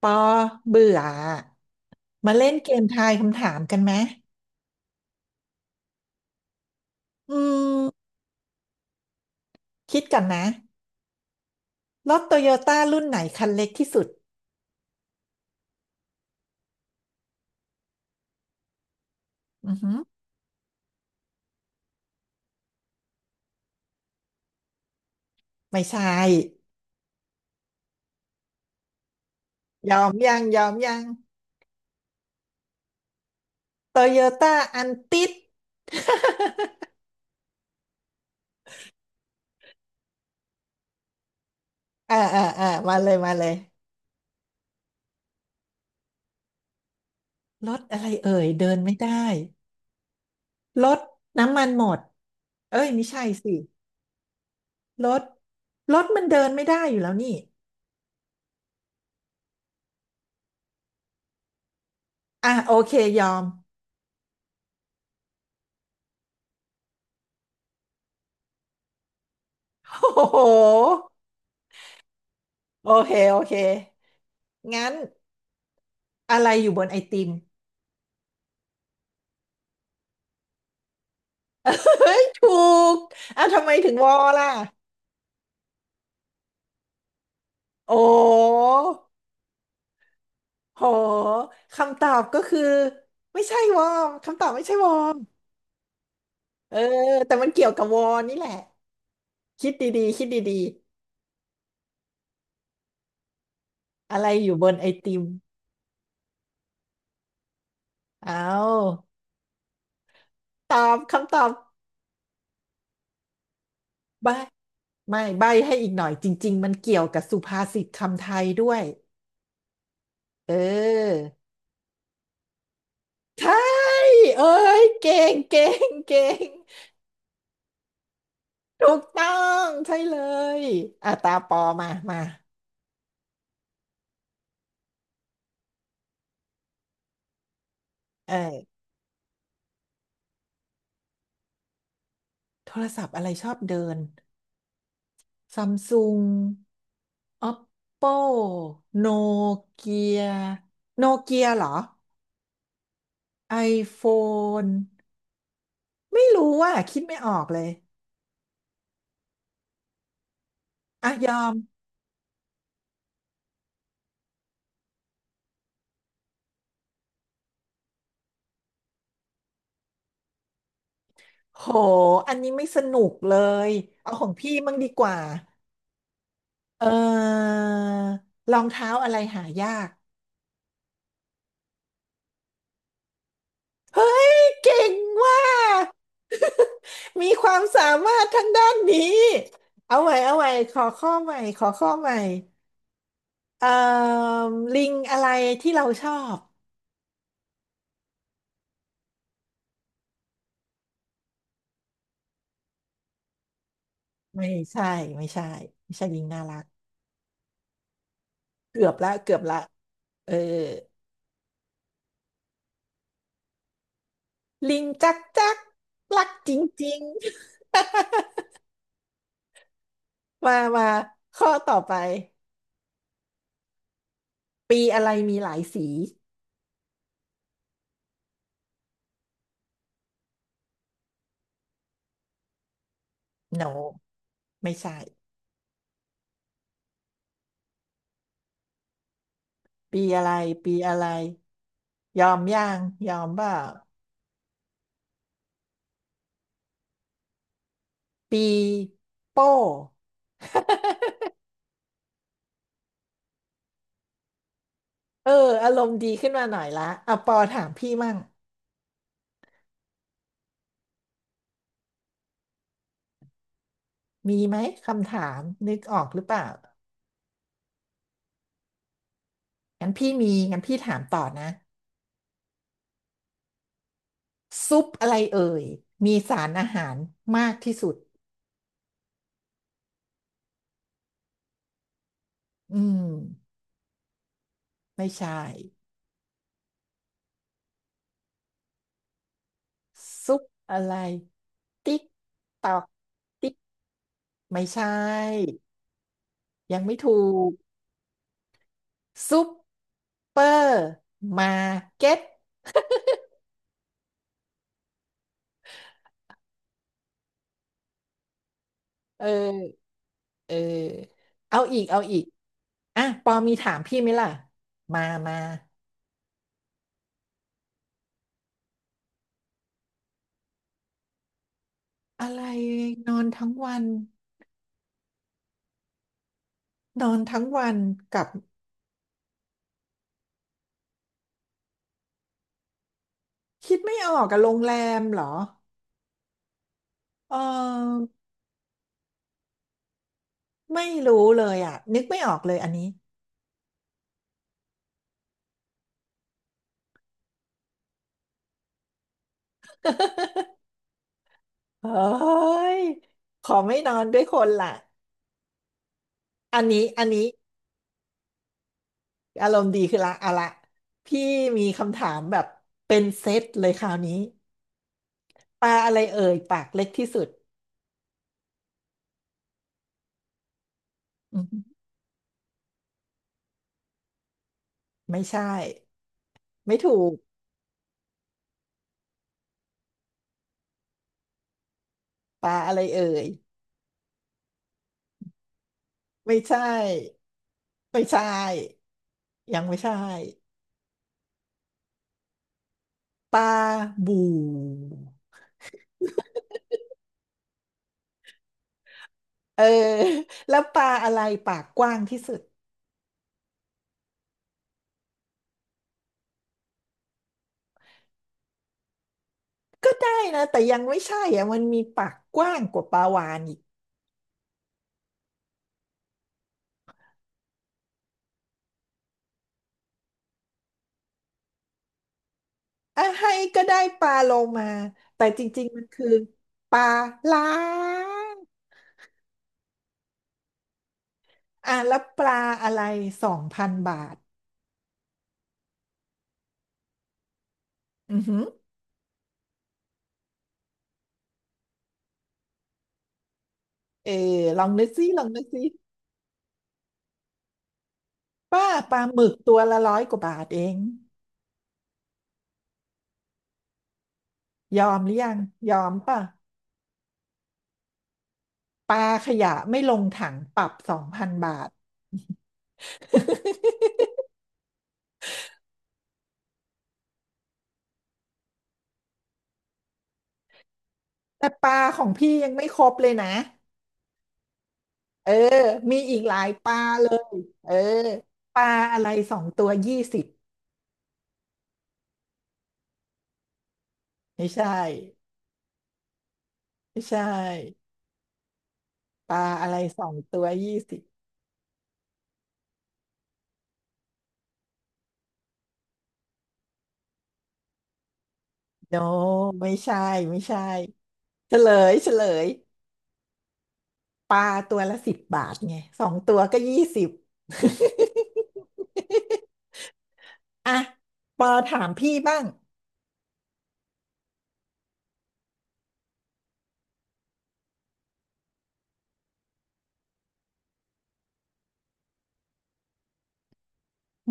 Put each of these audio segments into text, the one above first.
ปอเบื่ออมาเล่นเกมทายคำถามกันไหมอืมคิดก่อนนะรถโตโยต้ารุ่นไหนคันเล็กที่สุดอือหือไม่ใช่ ยอมยังยอมยังโตโยต้า อันติด อ่าอ่าอ่ามาเลยมาเลยรถอะไรเอ่ยเดินไม่ได้รถน้ำมันหมดเอ้ยไม่ใช่สิรถรถมันเดินไม่ได้อยู่แล้วนี่อ่ะโอเคยอม โอ้โหโอเคโอเคงั้น อะไรอยู่บนไอติม เฮ้ยถูกอ่ะทำไมถึงวอล่ะโอ้โหคำตอบก็คือไม่ใช่วอร์มคำตอบไม่ใช่วอร์มเออแต่มันเกี่ยวกับวอร์นี่แหละคิดดีๆคิดดีๆอะไรอยู่บนไอติมเอาตอบคำตอบใบไม่ใบให้อีกหน่อยจริงๆมันเกี่ยวกับสุภาษิตคำไทยด้วยเออใช่เอ้ยเก่งเก่งเก่ง ถูกต้องใช่เลยอ่ะตาปอมามาเออโทรศัพท์อะไรชอบเดินซัมซุง Oppo โนเกียโนเกียเหรอ iPhone ไม่รู้ว่าคิดไม่ออกเลยอ่ะยอมโหอันนี้ไม่สนุกเลยเอาของพี่มั่งดีกว่าเออรองเท้าอะไรหายากเฮ้ยเก่งว่ะ มีความสามารถทางด้านนี้เอาใหม่เอาใหม่ขอข้อใหม่ขอข้อใหม่เอ่อลิงอะไรที่เราชอบ ไม่ใช่ ไม่ใช่ ไม่ใช่ลิงน่ารัก เกือบละเกือบละเออลิงจักจักรักจริงๆ มามาข้อต่อไป ปีอะไรมีหลายสีโนไม่ใช่ ปีอะไร ปีอะไร ยอมย่างยอมเปล่าปีโป้ เอออารมณ์ดีขึ้นมาหน่อยละอ่ะปอถามพี่มั่งมีไหมคำถามนึกออกหรือเปล่างั้นพี่มีงั้นพี่ถามต่อนะซุปอะไรเอ่ยมีสารอาหารมากที่สุดอืมไม่ใช่ซุปอะไรติ๊กตอกติ๊กไม่ใช่ยังไม่ถูกซุปเปอร์มาร์เก็ตเออเออเอาอีกเอาอีกอ่ะปอมีถามพี่ไหมล่ะมามา อะไรนอนทั้งวันนอนทั้งวันกับคิดไม่ออกกับโรงแรมเหรอเออไม่รู้เลยอ่ะนึกไม่ออกเลยอันนี้เฮ้ยขอไม่นอนด้วยคนละอันนี้อันนี้อารมณ์ดีคือละเอาละพี่มีคำถามแบบเป็นเซตเลยคราวนี้ปลาอะไรเอ่ยปากเล็กที่สุดอืมไม่ใช่ไม่ถูกปลาอะไรเอ่ยไม่ใช่ไม่ใช่ยังไม่ใช่ ปลาบู่เออ แล้วปลาอะไรปากกว้างที่สุดก็ได้นะแต่ยังไม่ใช่อ่ะมันมีปากกว้างกว่าปลาวาฬอีกอ่ะให้ก็ได้ปลาโลมาแต่จริงๆมันคือปลาล้างอ่ะแล้วปลาอะไรสองพันบาทอือหือเออลองนึกซิลองนึกซิป้าปลาหมึกตัวละร้อยกว่าบาทเองยอมหรือยังยอมป่ะปลาขยะไม่ลงถังปรับสองพันบาท แต่ปลาของพี่ยังไม่ครบเลยนะ เออมีอีกหลายปลาเลย เออปลาอะไรสองตัวยี่สิบไม่ใช่ไม่ใช่ปลาอะไรสองตัวยี่สิบโนไม่ใช่ไม่ใช่เฉลยเฉลยปลาตัวละ10 บาทไงสองตัวก็ยี่สิบ อ่ะปอถามพี่บ้าง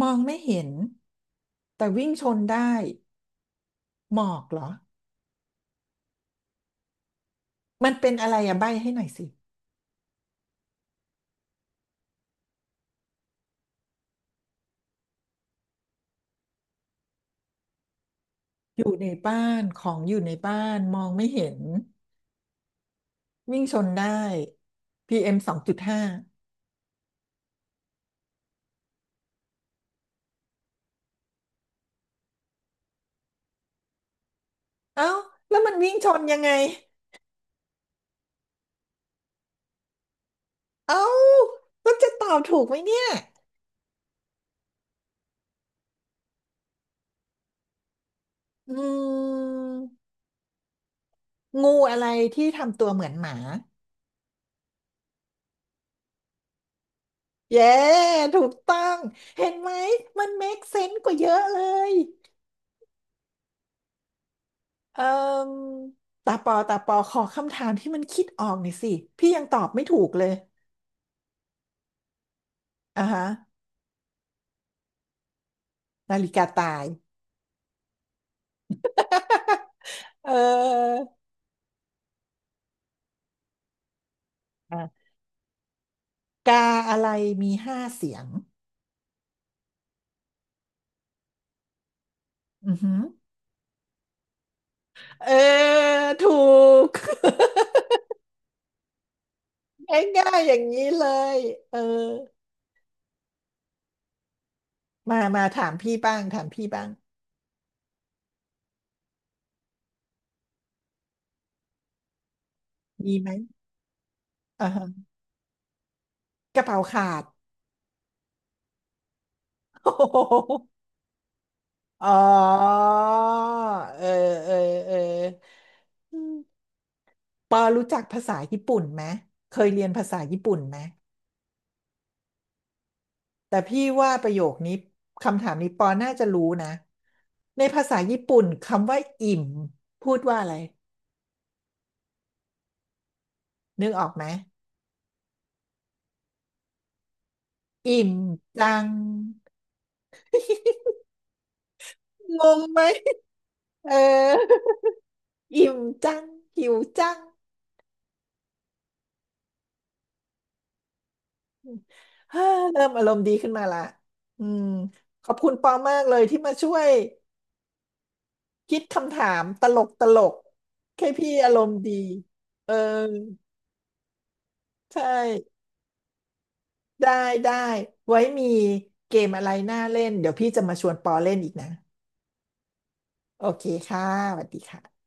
มองไม่เห็น แต่วิ่งชนได้หมอกเหรอมันเป็นอะไรอะใบ้ให้หน่อยสิ อยู่ในบ้านของอยู่ในบ้านมองไม่เห็นวิ่งชนได้PM 2.5เอ้าแล้วมันวิ่งชนยังไงเอ้าก็จะตอบถูกไหมเนี่ยอืมงูอะไรที่ทำตัวเหมือนหมาเย้ถูกต้องเห็นไหมมันเมคเซนส์กว่าเยอะเลยเอ่มตาปอตาปอขอคำถามที่มันคิดออกหน่อยสิพี่ยังตอบไม่ถูกเลยอ่าฮะนาฬิกาตายเออ กาอะไรมีห้าเสียงอือหือเออถูก ง่ายๆอย่างนี้เลย เออ มามาถามพี่บ้างถามพี่บ้างมีไหมอ่าฮะกระเป๋าขาด โอ้โหอ๋อเออเออเอออืมปอรู้จักภาษาญี่ปุ่นไหม เคยเรียนภาษาญี่ปุ่นไหม แต่พี่ว่าประโยคนี้คำถามนี้ปอน่าจะรู้นะในภาษาญี่ปุ่นคำว่าอิ่มพูดว่าอะไร นึกออกไหมอิ่มจังงงไหมเออ อิ่มจังหิวจังเฮ้อเริ่มอารมณ์ดีขึ้นมาละอืมขอบคุณปอมากเลยที่มาช่วยคิดคำถามตลกตลกแค่พี่อารมณ์ดีเออใช่ได้ได้ไว้มีเกมอะไรน่าเล่นเดี๋ยวพี่จะมาชวนปอเล่นอีกนะโอเคค่ะสวัสดีค่ะ